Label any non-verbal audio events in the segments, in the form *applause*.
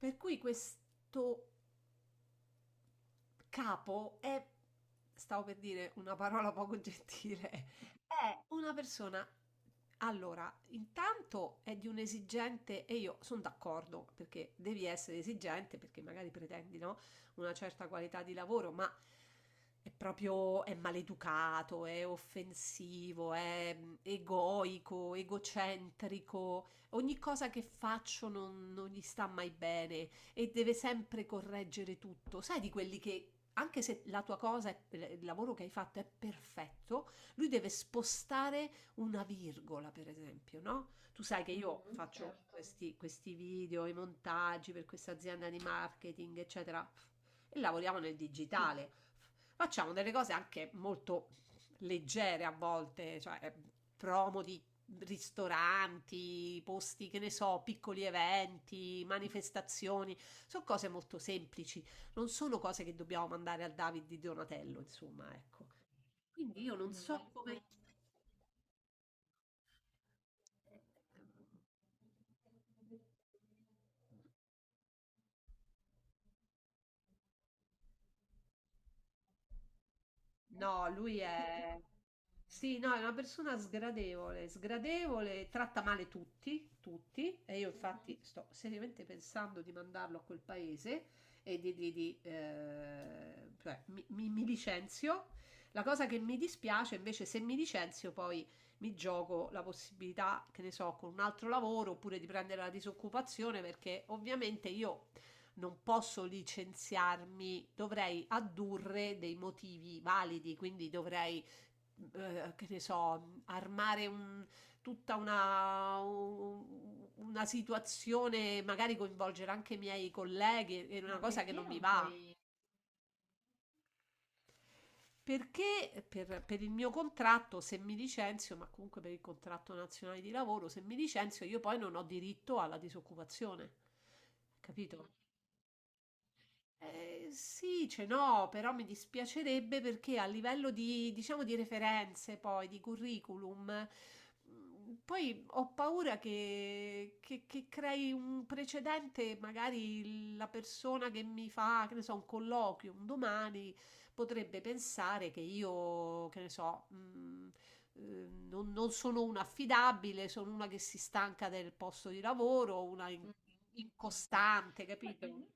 Per cui questo capo è, stavo per dire una parola poco gentile, è una persona. Allora, intanto è di un esigente, e io sono d'accordo perché devi essere esigente perché magari pretendi, no? Una certa qualità di lavoro, ma è maleducato, è offensivo, è egoico, egocentrico, ogni cosa che faccio non gli sta mai bene e deve sempre correggere tutto. Sai di quelli che anche se la tua cosa, il lavoro che hai fatto è perfetto, lui deve spostare una virgola, per esempio, no? Tu sai che io faccio questi video, i montaggi per questa azienda di marketing, eccetera, e lavoriamo nel digitale. Facciamo delle cose anche molto leggere a volte, cioè promo di ristoranti, posti, che ne so, piccoli eventi, manifestazioni, sono cose molto semplici, non sono cose che dobbiamo mandare al David di Donatello, insomma, ecco. Quindi io non so come. No, lui è... Sì, no, è una persona sgradevole, sgradevole, tratta male tutti, tutti, e io infatti sto seriamente pensando di mandarlo a quel paese e di, cioè, mi licenzio. La cosa che mi dispiace invece, se mi licenzio poi mi gioco la possibilità, che ne so, con un altro lavoro oppure di prendere la disoccupazione perché ovviamente io non posso licenziarmi, dovrei addurre dei motivi validi, quindi dovrei, che ne so, armare tutta una situazione, magari coinvolgere anche i miei colleghi, è una cosa che non mi va. Perché per il mio contratto, se mi licenzio, ma comunque per il contratto nazionale di lavoro, se mi licenzio, io poi non ho diritto alla disoccupazione. Capito? Sì, ce n'ho, però mi dispiacerebbe perché a livello di, diciamo, di referenze, poi di curriculum, poi ho paura che crei un precedente, magari la persona che mi fa, che ne so, un colloquio un domani potrebbe pensare che io, che ne so, non sono una affidabile, sono una che si stanca del posto di lavoro, una incostante, capito?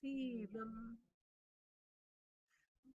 Sì,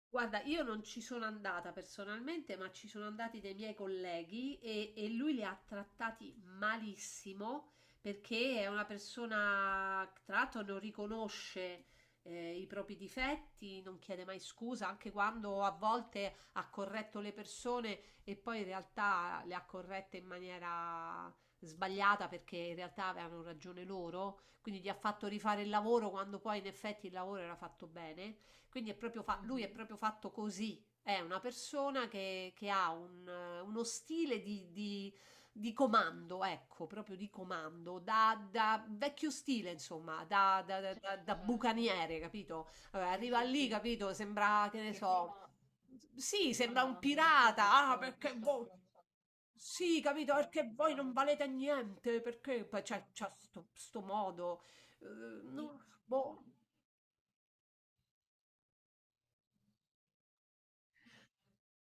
guarda, io non ci sono andata personalmente, ma ci sono andati dei miei colleghi e lui li ha trattati malissimo perché è una persona, tra l'altro, non riconosce i propri difetti, non chiede mai scusa, anche quando a volte ha corretto le persone e poi in realtà le ha corrette in maniera sbagliata perché in realtà avevano ragione loro, quindi gli ha fatto rifare il lavoro quando poi in effetti il lavoro era fatto bene. Quindi lui è proprio fatto così. È una persona che ha uno stile di comando, ecco, proprio di comando, da vecchio stile, insomma, da bucaniere, capito? Arriva lì. Sì, capito? Sembra, che ne che so, prima sì, sembra un andava come se pirata. Ah, fosse un perché voi... sciamano. Sì, capito? Perché voi non valete niente, perché... Poi c'è sto modo... eh, Sì, no, boh.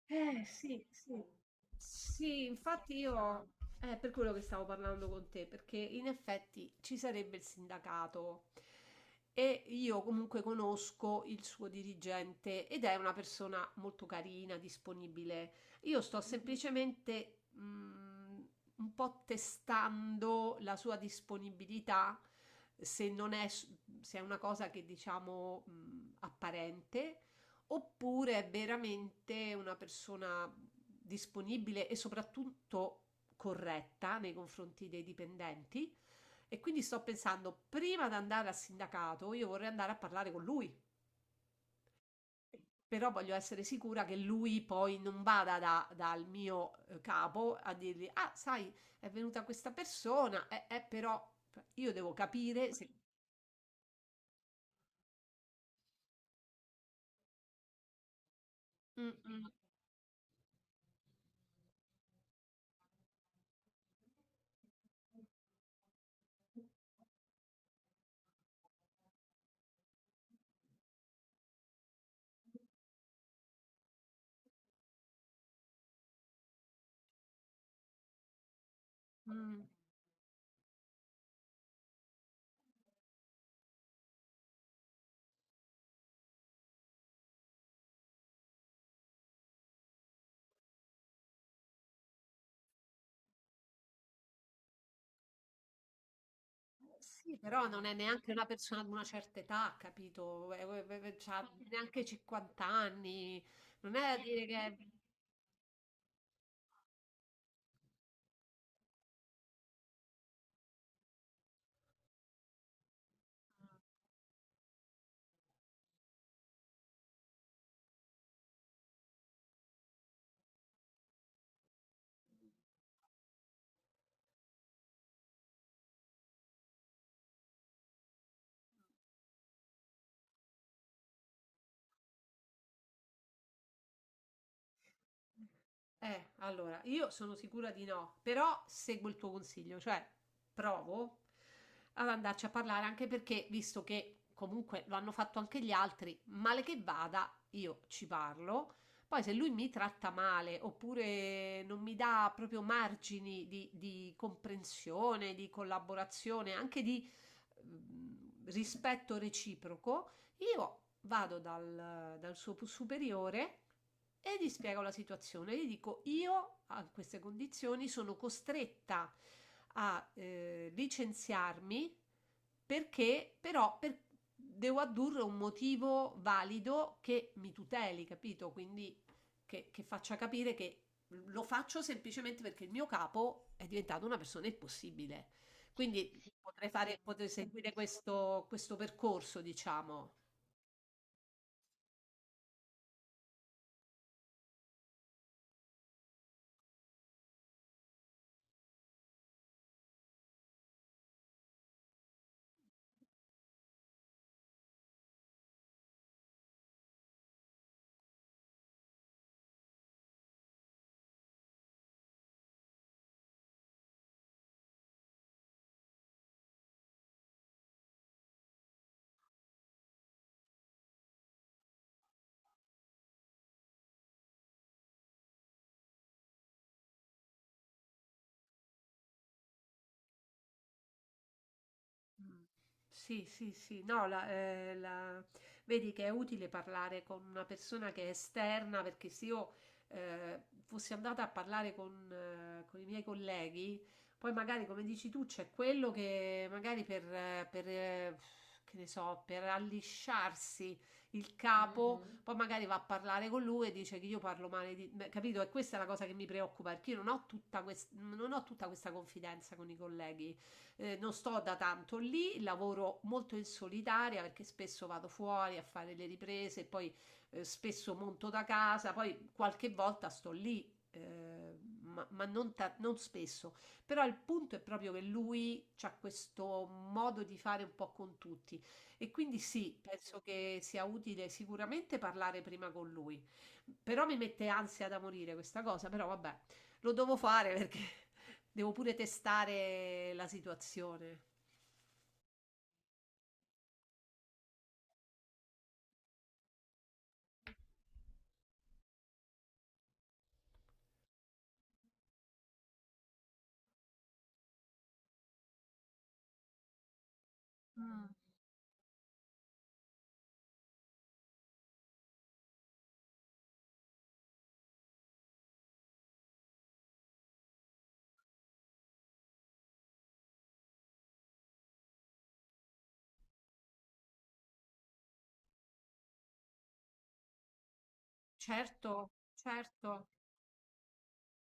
Sì, sì. Sì, infatti io è per quello che stavo parlando con te, perché in effetti ci sarebbe il sindacato e io comunque conosco il suo dirigente ed è una persona molto carina, disponibile. Io sto semplicemente un po' testando la sua disponibilità, se non è, s- se è una cosa che diciamo apparente oppure è veramente una persona disponibile e soprattutto corretta nei confronti dei dipendenti. E quindi sto pensando, prima di andare al sindacato, io vorrei andare a parlare con lui, però voglio essere sicura che lui poi non vada dal mio capo a dirgli: ah, sai, è venuta questa persona, però io devo capire se... Mm, mm, mm. Sì, però non è neanche una persona di una certa età, capito? C'ha neanche 50 anni. Non è da dire che. Allora, io sono sicura di no, però seguo il tuo consiglio, cioè provo ad andarci a parlare anche perché, visto che comunque lo hanno fatto anche gli altri, male che vada, io ci parlo. Poi se lui mi tratta male oppure non mi dà proprio margini di comprensione, di collaborazione, anche di rispetto reciproco, io vado dal suo superiore e gli spiego la situazione. Gli dico: io a queste condizioni sono costretta a licenziarmi perché però per- devo addurre un motivo valido che mi tuteli, capito? Quindi che faccia capire che lo faccio semplicemente perché il mio capo è diventato una persona impossibile. Quindi, sì, potrei sì. seguire questo percorso, diciamo. Mh. Sì, sì, sì. No, la vedi che è utile parlare con una persona che è esterna, perché se io, ehm, fossi andata a parlare con i miei colleghi, poi magari, come dici tu, c'è quello che magari per che ne so, per allisciarsi il capo, poi magari va a parlare con lui e dice che io parlo male di me, capito? E questa è la cosa che mi preoccupa, perché io non ho tutta questa confidenza con i colleghi, non sto da tanto lì, lavoro molto in solitaria perché spesso vado fuori a fare le riprese e poi spesso monto da casa, poi qualche volta sto lì. Ma non spesso, però il punto è proprio che lui ha questo modo di fare un po' con tutti e quindi sì, penso che sia utile sicuramente parlare prima con lui, però mi mette ansia da morire questa cosa, però vabbè, lo devo fare perché *laughs* devo pure testare la situazione. Certo, certo.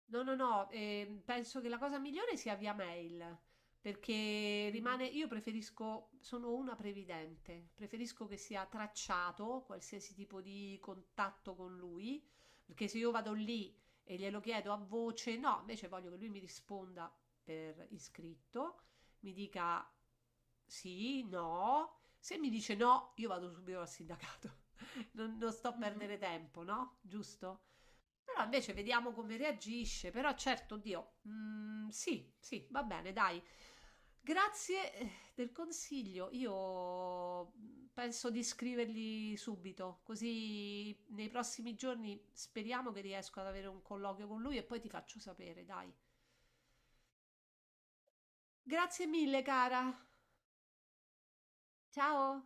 No, no, no, penso che la cosa migliore sia via mail, perché rimane, io preferisco, sono una previdente, preferisco che sia tracciato qualsiasi tipo di contatto con lui, perché se io vado lì e glielo chiedo a voce, no, invece voglio che lui mi risponda per iscritto, mi dica sì, no, se mi dice no, io vado subito al sindacato, *laughs* non sto a perdere tempo, no? Giusto? Però invece vediamo come reagisce. Però certo, Dio, sì, sì, va bene, dai. Grazie del consiglio. Io penso di scrivergli subito, così nei prossimi giorni speriamo che riesco ad avere un colloquio con lui e poi ti faccio sapere, dai. Grazie mille, cara. Ciao.